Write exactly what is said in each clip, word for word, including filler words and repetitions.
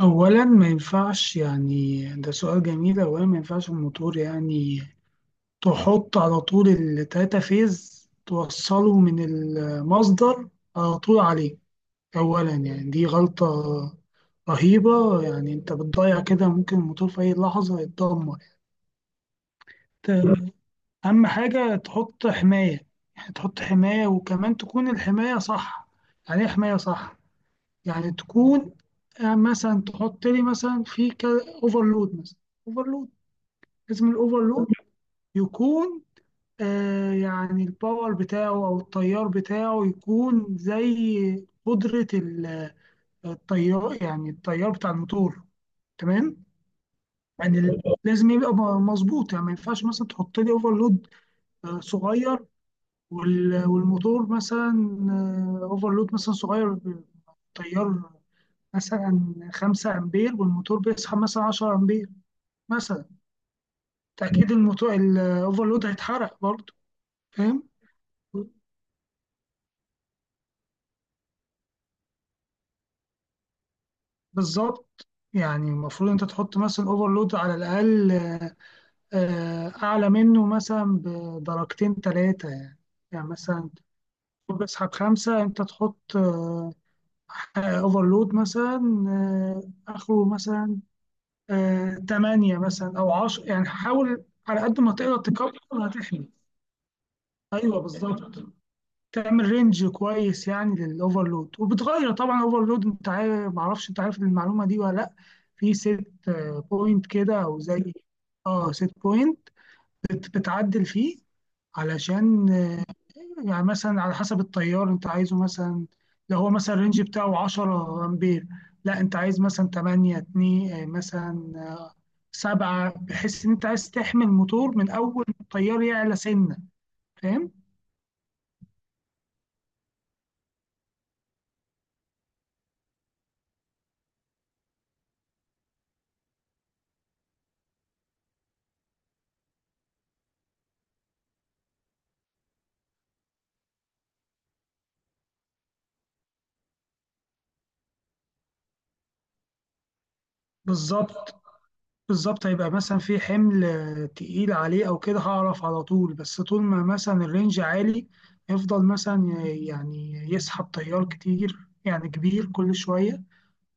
أولا ما ينفعش، يعني ده سؤال جميل. أولا ما ينفعش الموتور يعني تحط على طول التلاتة فيز توصله من المصدر على طول عليه. أولا يعني دي غلطة رهيبة، يعني أنت بتضيع كده، ممكن الموتور في أي لحظة يتدمر. أنت أهم حاجة تحط حماية، يعني تحط حماية وكمان تكون الحماية صح. يعني إيه حماية صح؟ يعني تكون آه، مثلا تحط لي مثلا في أوفرلود، مثلا أوفرلود. لازم الأوفرلود يكون آه، يعني الباور بتاعه أو التيار بتاعه يكون زي قدرة ال- التيار، يعني التيار بتاع الموتور، تمام. يعني ال- لازم يبقى م- مظبوط، يعني ما ينفعش مثلا تحط لي اوفرلود صغير وال- والموتور مثلا اوفرلود مثلا صغير ب- تيار مثلا خمسة امبير والموتور بيسحب مثلا عشر امبير مثلا. تاكيد الموتور الاوفرلود هيتحرق برضه. فاهم، بالظبط. يعني المفروض انت تحط مثلا اوفرلود على الاقل، آه، آه، اعلى منه مثلا بدرجتين ثلاثه يعني. يعني مثلا بسحب خمسة أنت تحط أوفرلود مثلا آه، آخره مثلا آه، تمانية مثلا أو عشرة، يعني حاول على قد ما تقدر تكبر، هتحمي. أيوه، بالظبط. تعمل رينج كويس يعني للأوفرلود، وبتغير طبعا أوفرلود. أنت عارف، معرفش أنت عارف المعلومة دي ولا لأ. في سيت بوينت كده أو زي. أه سيت بوينت، بتعدل فيه علشان آه، يعني مثلا على حسب التيار انت عايزه، مثلا لو هو مثلا الرينج بتاعه عشر امبير، لا انت عايز مثلا تمانية اتنين مثلا سبعة، بحيث ان انت عايز تحمي الموتور من اول ما التيار يعلى سنه. فاهم، بالظبط. بالظبط هيبقى مثلا في حمل تقيل عليه او كده، هعرف على طول. بس طول ما مثلا الرينج عالي يفضل مثلا يعني يسحب تيار كتير يعني كبير كل شويه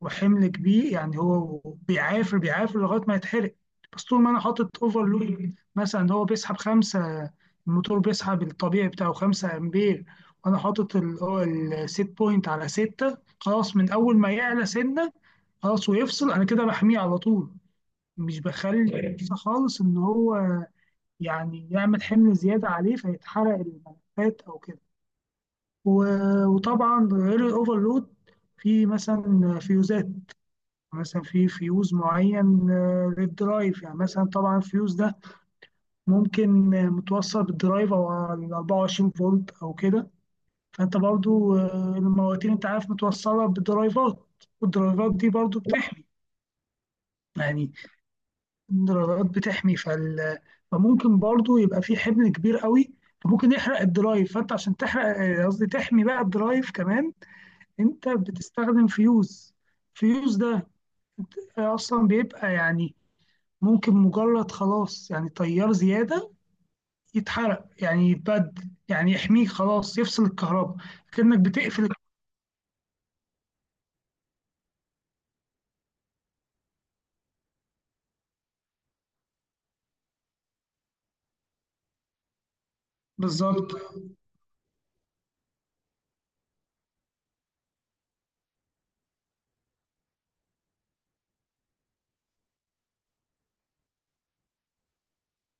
وحمل كبير، يعني هو بيعافر بيعافر لغايه ما يتحرق. بس طول ما انا حاطط اوفرلود مثلا، هو بيسحب خمسه، الموتور بيسحب الطبيعي بتاعه خمسة امبير، وانا حاطط ال- هو السيت بوينت على ستة، خلاص من اول ما يعلى سنه خلاص ويفصل، انا كده بحميه على طول، مش بخلي فرصة خالص ان هو يعني يعمل حمل زياده عليه فيتحرق الملفات او كده. و- وطبعا غير الاوفرلود في مثلا فيوزات، مثلا في فيوز معين آه، للدرايف يعني، مثلا طبعا الفيوز ده ممكن آه، متوصل بالدرايف او على أربعة وعشرون فولت او كده. فانت برضو آه، المواتير انت عارف متوصله بدرايفات، والدرايفات دي برضو بتحمي. يعني الدرايفات بتحمي فال... فممكن برضو يبقى في حمل كبير قوي، فممكن يحرق الدرايف. فانت عشان تحرق آه، قصدي تحمي بقى الدرايف كمان، انت بتستخدم فيوز. فيوز ده آه، اصلا بيبقى يعني ممكن مجرد خلاص يعني تيار زيادة يتحرق، يعني يتبدل، يعني يحميك خلاص يفصل الكهرباء كأنك بتقفل. بالظبط،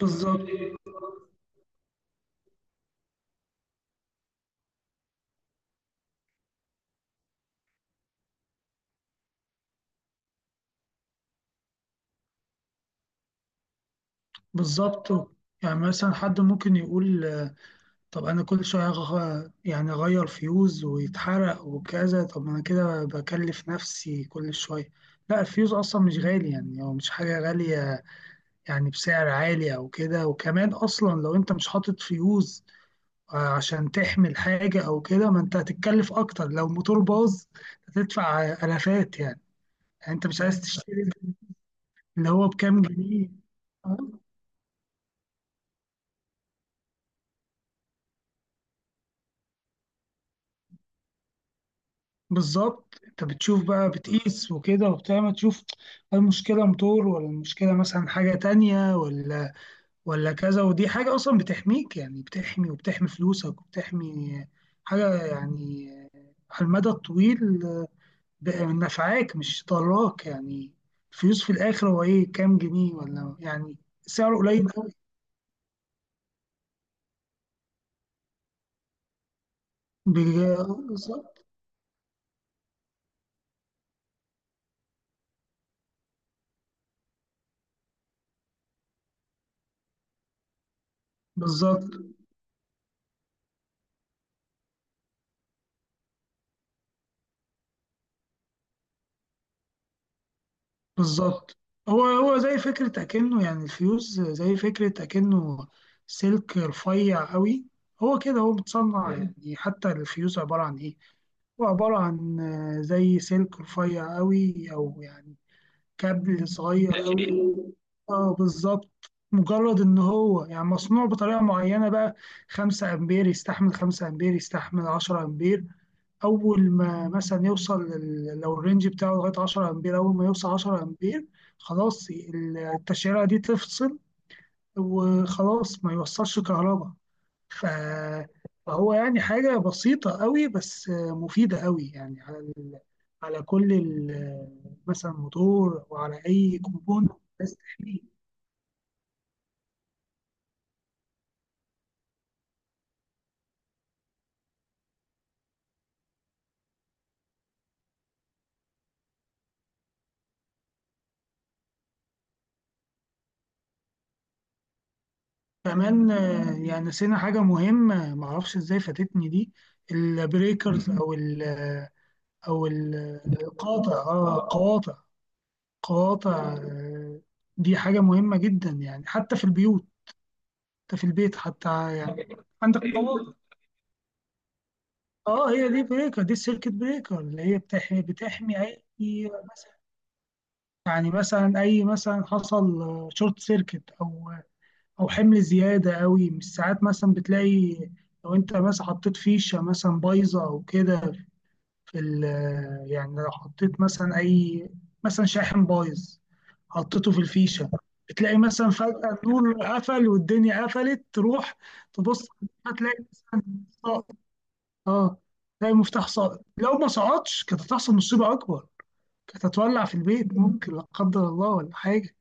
بالظبط، بالظبط. يعني مثلا حد ممكن يقول طب أنا كل شوية أغ- يعني أغير فيوز ويتحرق وكذا، طب ما أنا كده بكلف نفسي كل شوية. لا الفيوز أصلا مش غالي، يعني هو مش حاجة غالية يعني بسعر عالي أو كده. وكمان أصلا لو أنت مش حاطط فيوز عشان تحمل حاجة أو كده، ما أنت هتتكلف أكتر لو الموتور باظ، هتدفع آلافات يعني. يعني أنت مش عايز تشتري اللي هو بكام جنيه، تمام؟ بالظبط، أنت بتشوف بقى بتقيس وكده وبتعمل، تشوف هل المشكلة موتور ولا المشكلة مثلا حاجة تانية ولا ولا كذا. ودي حاجة أصلا بتحميك، يعني بتحمي وبتحمي فلوسك وبتحمي حاجة يعني، على المدى الطويل، ب- نفعاك مش ضراك يعني. الفلوس في الاخر هو ايه، كام جنيه، ولا يعني سعره قليل قوي. بالظبط، بالظبط، بالظبط. هو هو زي فكرة أكنه، يعني الفيوز زي فكرة أكنه سلك رفيع قوي. هو كده هو متصنع، يعني حتى الفيوز عبارة عن إيه؟ هو عبارة عن آه، زي سلك رفيع قوي، أو يعني كابل صغير قوي تقفيل. اه بالظبط. مجرد ان هو يعني مصنوع بطريقه معينه بقى، خمسة امبير يستحمل، خمسة امبير يستحمل عشر امبير. اول ما مثلا يوصل لل- لو الرينج بتاعه لغايه عشر امبير، اول ما يوصل عشر امبير خلاص ال- التشعيره دي تفصل وخلاص ما يوصلش كهرباء. ف- فهو يعني حاجه بسيطه قوي بس مفيده قوي، يعني على كل ال- مثلا موتور وعلى أي كومبون بس تحميه. كمان آه، يعني نسينا حاجة مهمة، معرفش ازاي فاتتني دي. البريكرز أو ال أو القاطع. اه قواطع، قواطع آه، دي حاجة مهمة جدا يعني، حتى في البيوت، حتى في البيت، حتى يعني عندك قواطع. اه، هي دي بريكر، دي السيركت بريكر اللي هي بتحمي بتحمي اي مثلا. يعني مثلا اي مثلا حصل شورت سيركت، او او حمل زياده قوي. مش ساعات مثلا بتلاقي لو انت مثلا حطيت فيشه مثلا بايظه او كده في ال يعني لو حطيت مثلا اي مثلا شاحن بايظ حطيته في الفيشه، بتلاقي مثلا فجاه النور قفل والدنيا قفلت تروح. تبص هتلاقي مثلا ساقط. اه، تلاقي مفتاح ساقط، لو ما سقطش كانت هتحصل مصيبه اكبر، كانت هتولع في البيت ممكن لا قدر الله ولا حاجه.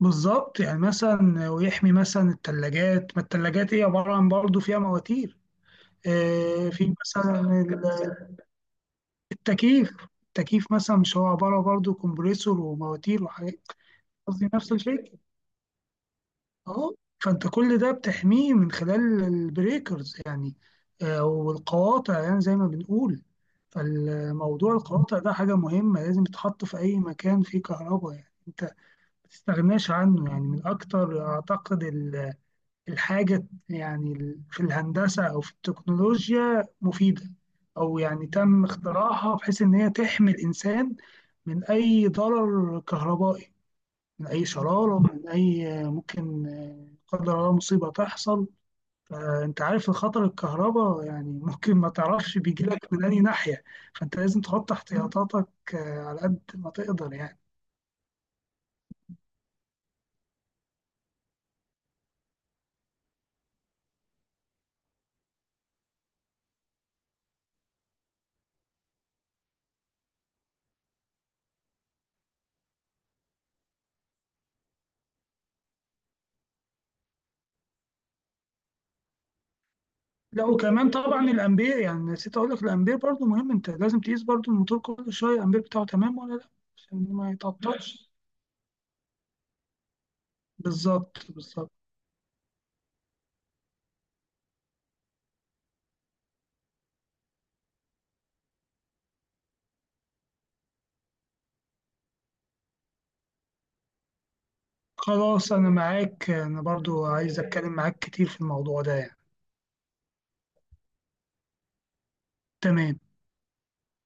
بالظبط، يعني مثلا ويحمي مثلا التلاجات، ما التلاجات هي عبارة عن برضه فيها مواتير، آه، في مثلا ال- التكييف. التكييف مثلا مش هو عبارة برضه كومبريسور ومواتير وحاجات. قصدي نفس الفكرة، اهو. فانت كل ده بتحميه من خلال البريكرز يعني، آه، والقواطع، يعني زي ما بنقول. فالموضوع القواطع ده حاجة مهمة، لازم تتحط في أي مكان فيه كهرباء يعني. انت ما تستغناش عنه، يعني من أكتر أعتقد الحاجة يعني ال- في الهندسة أو في التكنولوجيا مفيدة، أو يعني تم اختراعها بحيث إن هي تحمي الإنسان من أي ضرر كهربائي، من أي شرارة، من أي ممكن لا قدر الله مصيبة تحصل. فأنت عارف الخطر الكهرباء، يعني ممكن ما تعرفش بيجيلك من أي ناحية، فأنت لازم تحط احتياطاتك على قد ما تقدر يعني. لا وكمان طبعا الامبير، يعني نسيت اقول لك الامبير برضو مهم، انت لازم تقيس برضو الموتور كل شويه الامبير بتاعه تمام ولا لا، عشان ما يتعطلش. بالظبط، بالظبط. خلاص انا معاك، انا برضو عايز اتكلم معاك كتير في الموضوع ده يعني. تمام.